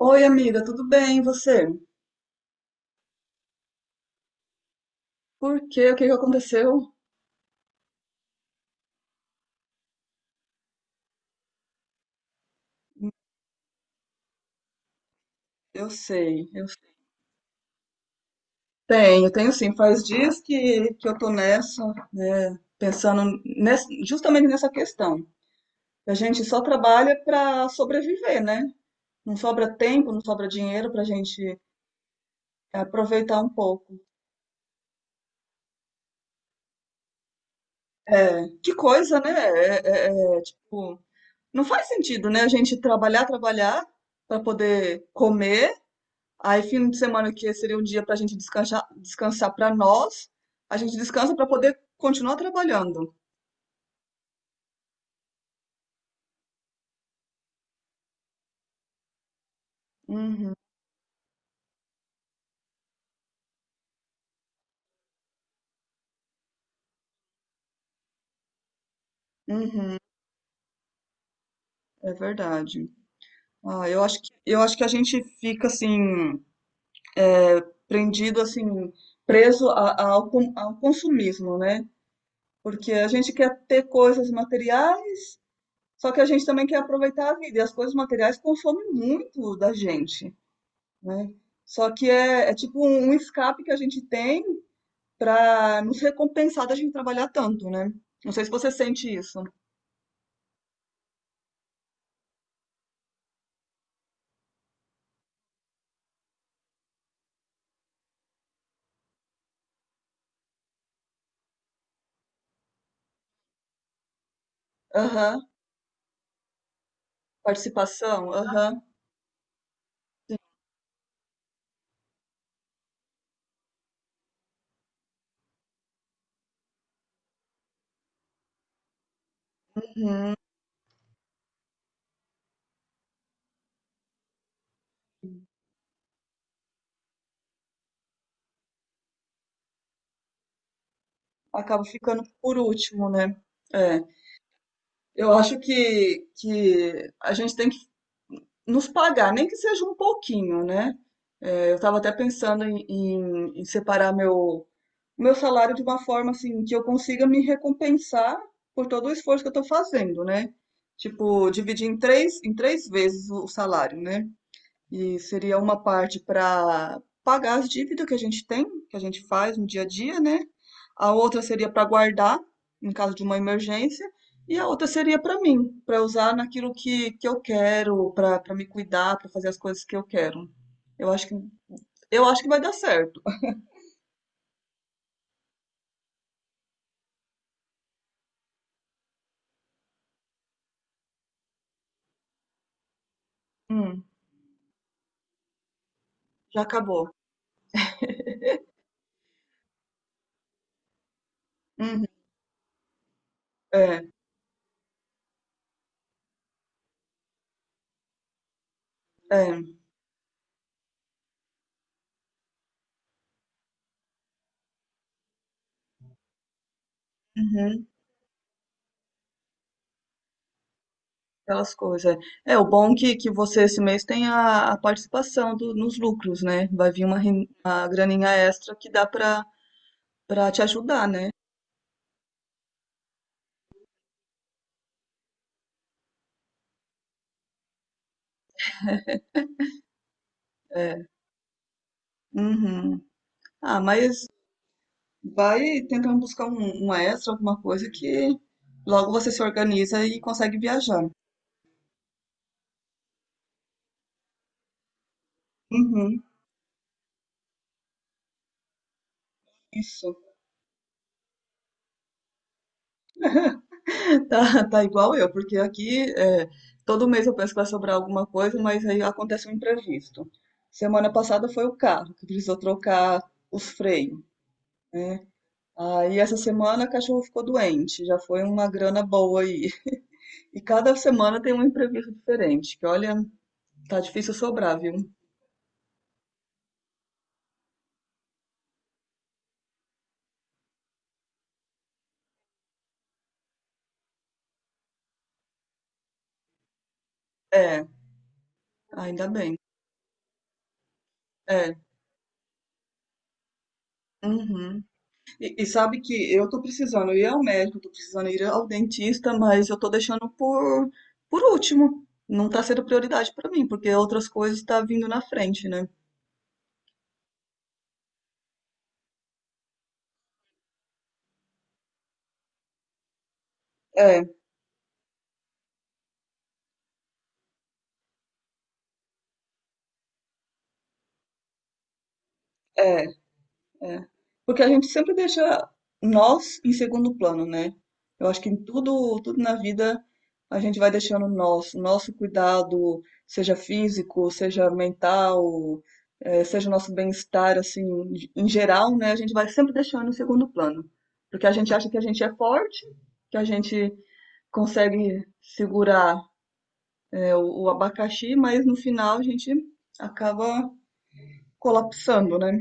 Oi, amiga, tudo bem? E você? Por quê? O que que aconteceu? Eu sei, eu tenho sim. Faz dias que eu tô nessa, né? Pensando nessa, justamente nessa questão. A gente só trabalha para sobreviver, né? Não sobra tempo, não sobra dinheiro pra gente aproveitar um pouco. É, que coisa, né? É, tipo, não faz sentido, né? A gente trabalhar, trabalhar para poder comer. Aí, fim de semana que seria um dia para a gente descansar, descansar para nós, a gente descansa para poder continuar trabalhando. Uhum, uhum, é verdade. Ah, eu acho que a gente fica assim, prendido, assim, preso ao consumismo, né? Porque a gente quer ter coisas materiais, só que a gente também quer aproveitar a vida, e as coisas materiais consomem muito da gente, né? Só que é, é tipo um escape que a gente tem para nos recompensar da gente trabalhar tanto, né? Não sei se você sente isso. Aham, participação, aham. Uhum. Acaba ficando por último, né? É. Eu acho que a gente tem que nos pagar, nem que seja um pouquinho, né? É, eu estava até pensando em separar meu, meu salário de uma forma assim que eu consiga me recompensar por todo o esforço que eu estou fazendo, né? Tipo, dividir em três vezes o salário, né? E seria uma parte para pagar as dívidas que a gente tem, que a gente faz no dia a dia, né? A outra seria para guardar em caso de uma emergência, e a outra seria para mim, para usar naquilo que eu quero, para para me cuidar, para fazer as coisas que eu quero. Eu acho que eu acho que vai dar certo. Hum, já acabou. Uhum, é, é, uhum, aquelas coisas. É, o bom é que você esse mês tem a participação do- nos lucros, né? Vai vir uma graninha extra que dá para pra te ajudar, né? É. Uhum. Ah, mas vai tentando buscar um extra, alguma coisa que logo você se organiza e consegue viajar. Uhum. Isso. Tá, tá igual eu, porque aqui é, todo mês eu penso que vai sobrar alguma coisa, mas aí acontece um imprevisto. Semana passada foi o carro que precisou trocar os freios. Aí essa semana a cachorro ficou doente, já foi uma grana boa aí. E cada semana tem um imprevisto diferente, que olha, tá difícil sobrar, viu? É, ainda bem. É. Uhum. E sabe que eu tô precisando ir ao médico, tô precisando ir ao dentista, mas eu tô deixando por último. Não tá sendo prioridade pra mim, porque outras coisas tá vindo na frente, né? É, é. É. Porque a gente sempre deixa nós em segundo plano, né? Eu acho que em tudo, tudo na vida a gente vai deixando nós, nosso cuidado, seja físico, seja mental, seja o nosso bem-estar, assim, em geral, né? A gente vai sempre deixando em segundo plano. Porque a gente acha que a gente é forte, que a gente consegue segurar, o abacaxi, mas no final a gente acaba colapsando, né?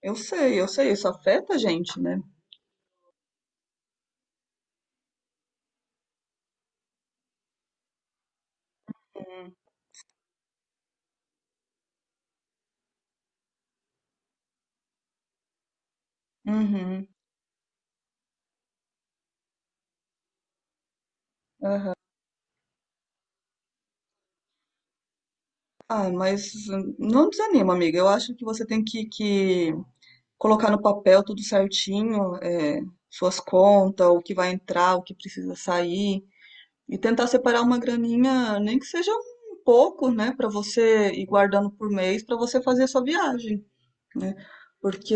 Eu sei, isso afeta a gente, né? Uhum. Ah, mas não desanima, amiga. Eu acho que você tem que colocar no papel tudo certinho, é, suas contas, o que vai entrar, o que precisa sair, e tentar separar uma graninha, nem que seja um pouco, né, para você ir guardando por mês para você fazer a sua viagem, né? Porque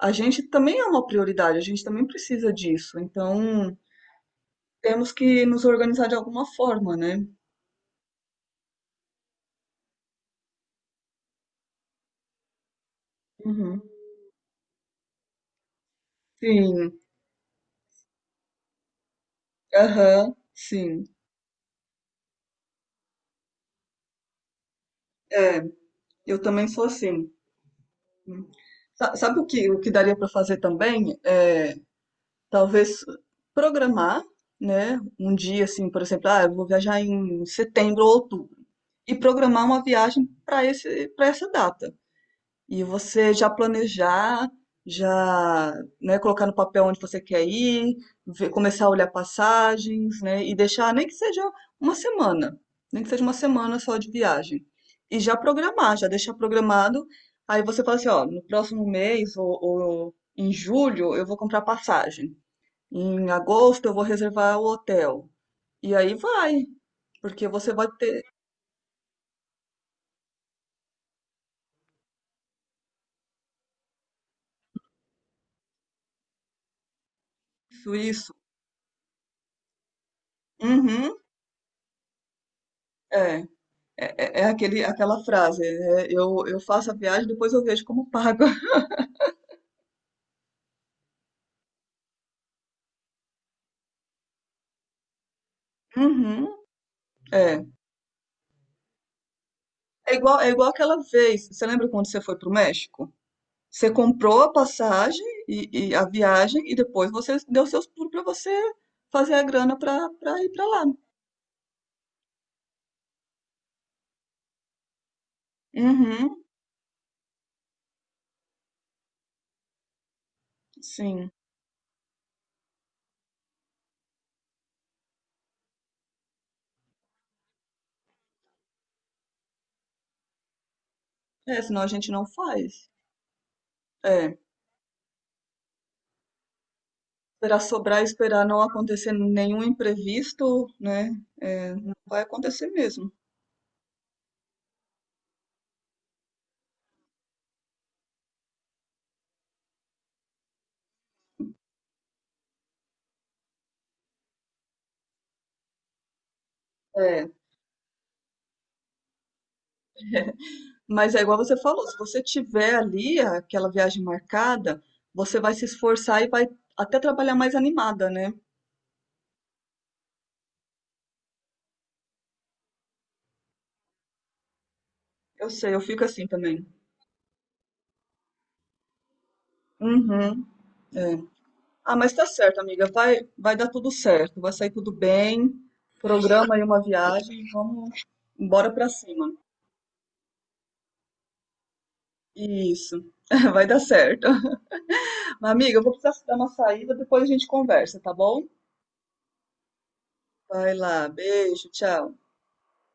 a gente também é uma prioridade, a gente também precisa disso. Então, temos que nos organizar de alguma forma, né? Uhum. Sim, aham, sim. É, eu também sou assim. Sa- Sabe o que daria para fazer também? É, talvez programar, né? Um dia assim, por exemplo, ah, eu vou viajar em setembro ou outubro e programar uma viagem para essa data. E você já planejar, já, né, colocar no papel onde você quer ir, ver- começar a olhar passagens, né, e deixar nem que seja uma semana, nem que seja uma semana só de viagem. E já programar, já deixar programado. Aí você fala assim, ó, no próximo mês ou em julho eu vou comprar passagem. Em agosto eu vou reservar o hotel. E aí vai, porque você vai ter isso, isso. Uhum, é. É, é aquele, aquela frase, né? Eu faço a viagem, depois eu vejo como pago. Uhum. É. É igual aquela vez. Você lembra quando você foi para o México? Você comprou a passagem e a viagem e depois você deu seus pulos para você fazer a grana para ir para lá. Uhum. Sim. É, senão a gente não faz. É. Esperar sobrar, esperar não acontecer nenhum imprevisto, né? É, não vai acontecer mesmo. É. Mas é igual você falou, se você tiver ali aquela viagem marcada, você vai se esforçar e vai até trabalhar mais animada, né? Eu sei, eu fico assim também. Uhum, é. Ah, mas tá certo, amiga. Vai, vai dar tudo certo, vai sair tudo bem. Programa aí uma viagem, vamos embora pra cima. Isso, vai dar certo. Mas, amiga, eu vou precisar dar uma saída, depois a gente conversa, tá bom? Vai lá, beijo, tchau.